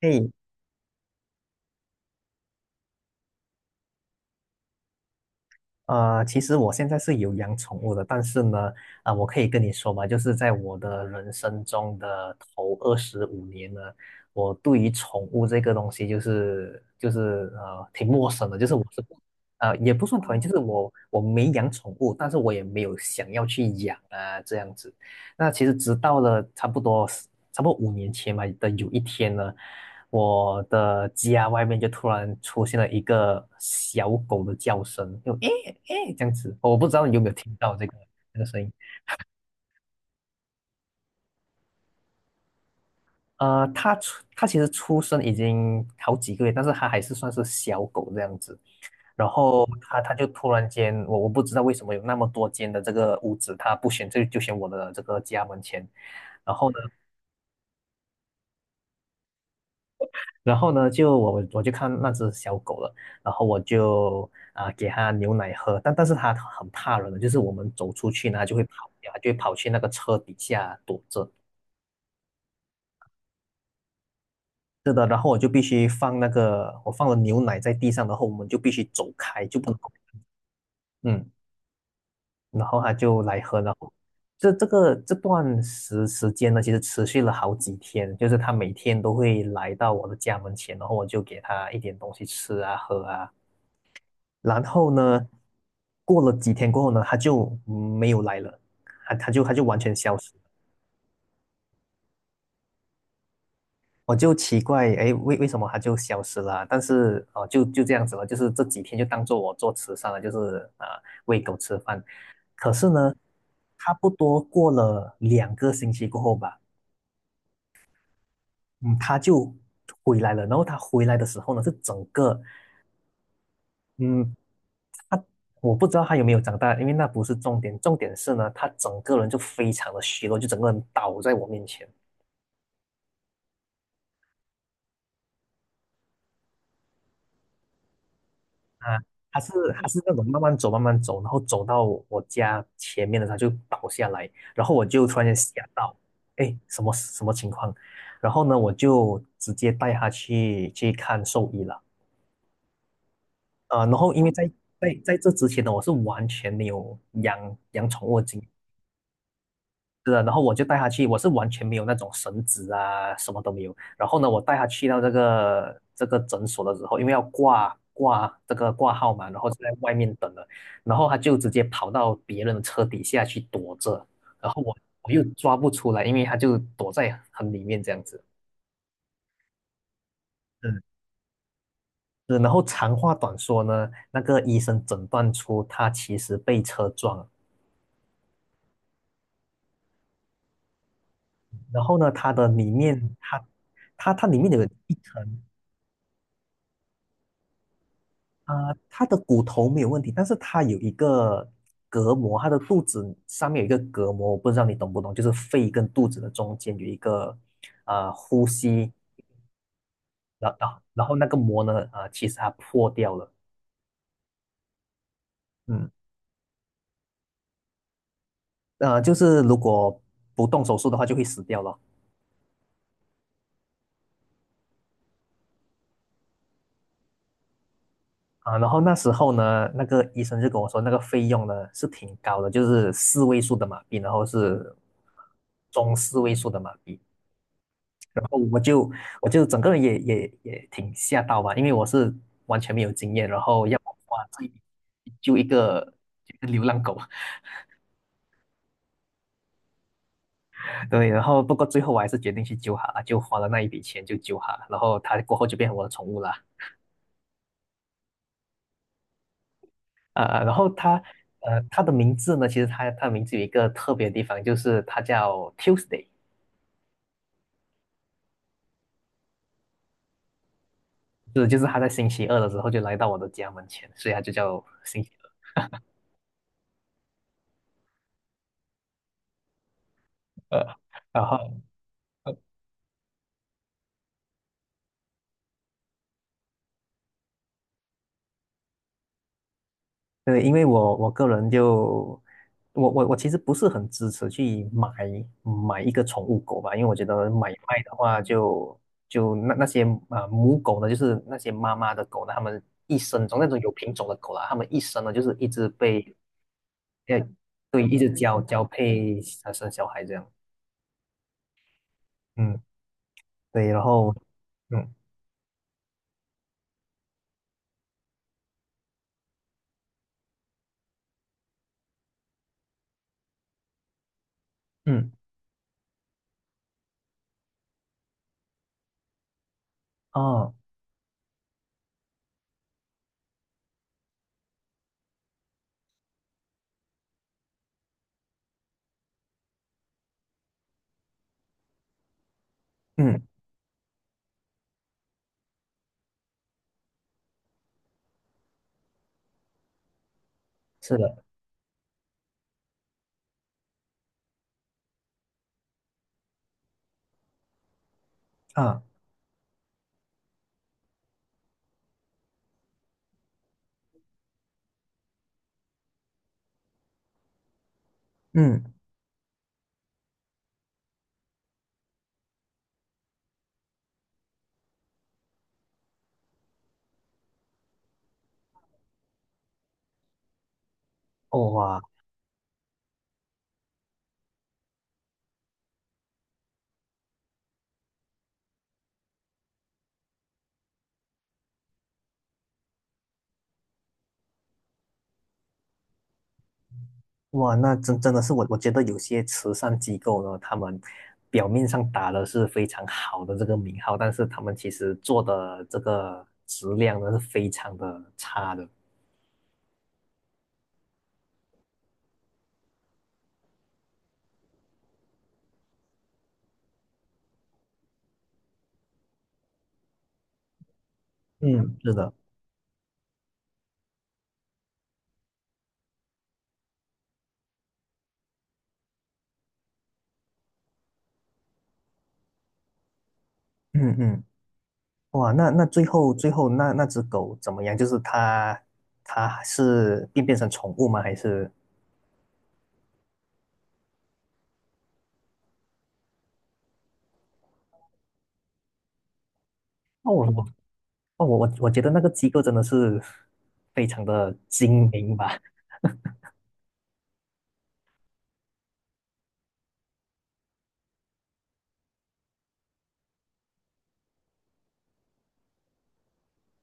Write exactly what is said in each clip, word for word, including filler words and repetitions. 嘿，呃，其实我现在是有养宠物的，但是呢，啊、我可以跟你说吧，就是在我的人生中的头二十五年呢，我对于宠物这个东西就是就是呃挺陌生的，就是我是不呃也不算讨厌，就是我我没养宠物，但是我也没有想要去养啊这样子。那其实直到了差不多差不多五年前吧的有一天呢，我的家外面就突然出现了一个小狗的叫声，就诶诶这样子，我不知道你有没有听到这个这个声音。呃，它出它其实出生已经好几个月，但是它还是算是小狗这样子。然后它它就突然间，我我不知道为什么有那么多间的这个屋子，它不选这就选我的这个家门前。然后呢，然后呢，就我我我就看那只小狗了，然后我就啊、给它牛奶喝，但但是它很怕人的，就是我们走出去呢，它就会跑掉，它就会跑去那个车底下躲着。是的，然后我就必须放那个，我放了牛奶在地上，然后我们就必须走开，就不能够。嗯。然后他就来喝，然后这这个这段时时间呢，其实持续了好几天，就是他每天都会来到我的家门前，然后我就给他一点东西吃啊喝啊，然后呢，过了几天过后呢，他就没有来了，他他就他就完全消失。我就奇怪，哎，为为什么它就消失了啊，但是哦，就就这样子了，就是这几天就当做我做慈善了，就是啊、喂狗吃饭。可是呢，差不多过了两个星期过后吧，嗯，它就回来了。然后它回来的时候呢，是整个，嗯，我不知道它有没有长大，因为那不是重点，重点是呢，它整个人就非常的虚弱，就整个人倒在我面前。啊，他是他是那种慢慢走慢慢走，然后走到我我家前面的时候它就倒下来，然后我就突然间想到，哎，什么什么情况？然后呢，我就直接带他去去看兽医了。呃，然后因为在在在这之前呢，我是完全没有养养宠物的经是的，然后我就带他去，我是完全没有那种绳子啊，什么都没有。然后呢，我带他去到这个这个诊所的时候，因为要挂挂这个挂号嘛，然后就在外面等了，然后他就直接跑到别人的车底下去躲着，然后我我又抓不出来，因为他就躲在很里面这样子。嗯，是然后长话短说呢，那个医生诊断出他其实被车撞了，然后呢，他的里面他他他里面有一层。啊、他的骨头没有问题，但是他有一个隔膜，他的肚子上面有一个隔膜，我不知道你懂不懂，就是肺跟肚子的中间有一个啊呃呼吸，然后然后那个膜呢，啊其实它破掉了。嗯，呃，就是如果不动手术的话就会死掉了。啊、然后那时候呢，那个医生就跟我说，那个费用呢是挺高的，就是四位数的马币，然后是中四位数的马币。然后我就我就整个人也也也挺吓到吧，因为我是完全没有经验，然后要我哇，这救一笔救一个流浪狗。对，然后不过最后我还是决定去救它了，就花了那一笔钱就救它了，然后它过后就变成我的宠物了。啊、然后它呃它的名字呢，其实它它的名字有一个特别的地方，就是它叫 Tuesday。是就是它在星期二的时候就来到我的家门前，所以它就叫星期二，呃然后。对，因为我我个人就我我我其实不是很支持去买买一个宠物狗吧，因为我觉得买卖的话就，就那那些呃母狗呢，就是那些妈妈的狗呢，它们一生中那种有品种的狗啦，它们一生呢就是一直被呃对，一直交交配，呃生小孩这样，嗯，对，然后。嗯嗯，哦，嗯，是的，啊，嗯，哦，哇。哇，那真真的是，我我觉得有些慈善机构呢，他们表面上打的是非常好的这个名号，但是他们其实做的这个质量呢是非常的差的。嗯，是的。嗯嗯，哇，那那最后最后那那只狗怎么样？就是它它是变变成宠物吗？还是？哦，我我哦，我我我觉得那个机构真的是非常的精明吧。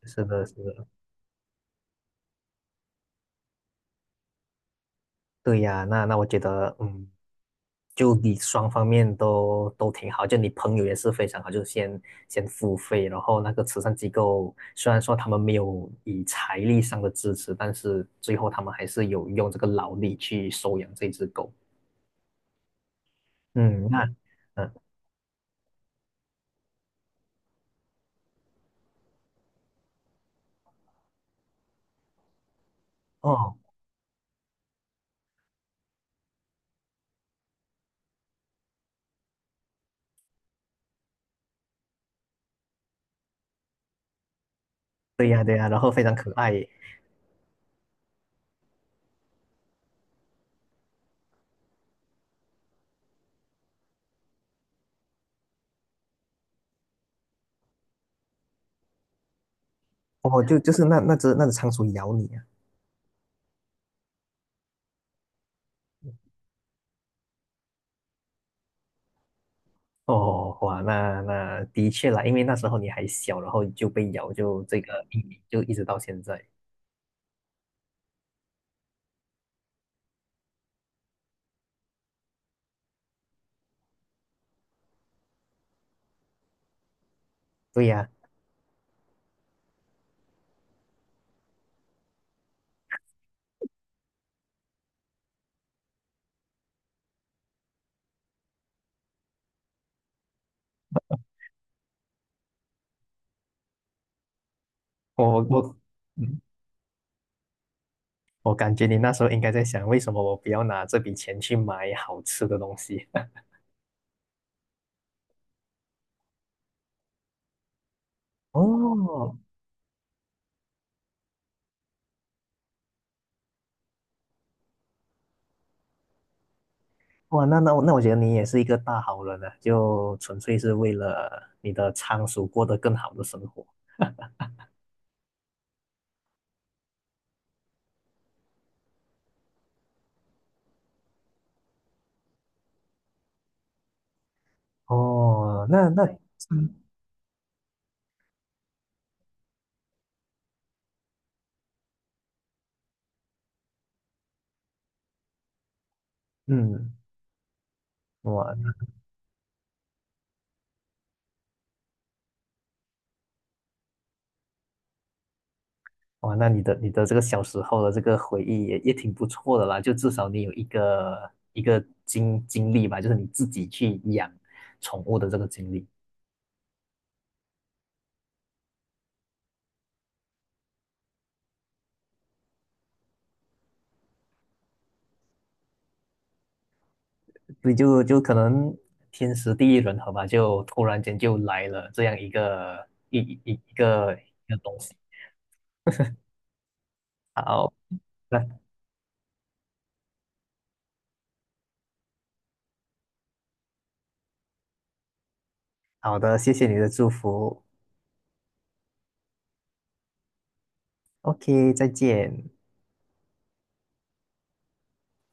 是的，是的。对呀，那那我觉得，嗯，就你双方面都都挺好，就你朋友也是非常好，就先先付费，然后那个慈善机构虽然说他们没有以财力上的支持，但是最后他们还是有用这个劳力去收养这只狗。嗯，那。嗯，哦，对呀对呀，然后非常可爱耶。哦，就就是那那只那只仓鼠咬你啊。哦，哇，那那的确啦，因为那时候你还小，然后就被咬，就这个阴影就一直到现在。对呀，我我嗯，我感觉你那时候应该在想，为什么我不要拿这笔钱去买好吃的东西？哦，哇，那那我那我觉得你也是一个大好人啊，就纯粹是为了你的仓鼠过得更好的生活。哦，那那，嗯，嗯，哇哇，那你的你的这个小时候的这个回忆也也挺不错的啦，就至少你有一个一个经经历吧，就是你自己去养宠物的这个经历。所以就就可能天时地利人和吧，就突然间就来了这样一个一一一个一个东西。好，那好的，谢谢你的祝福。O K，再见。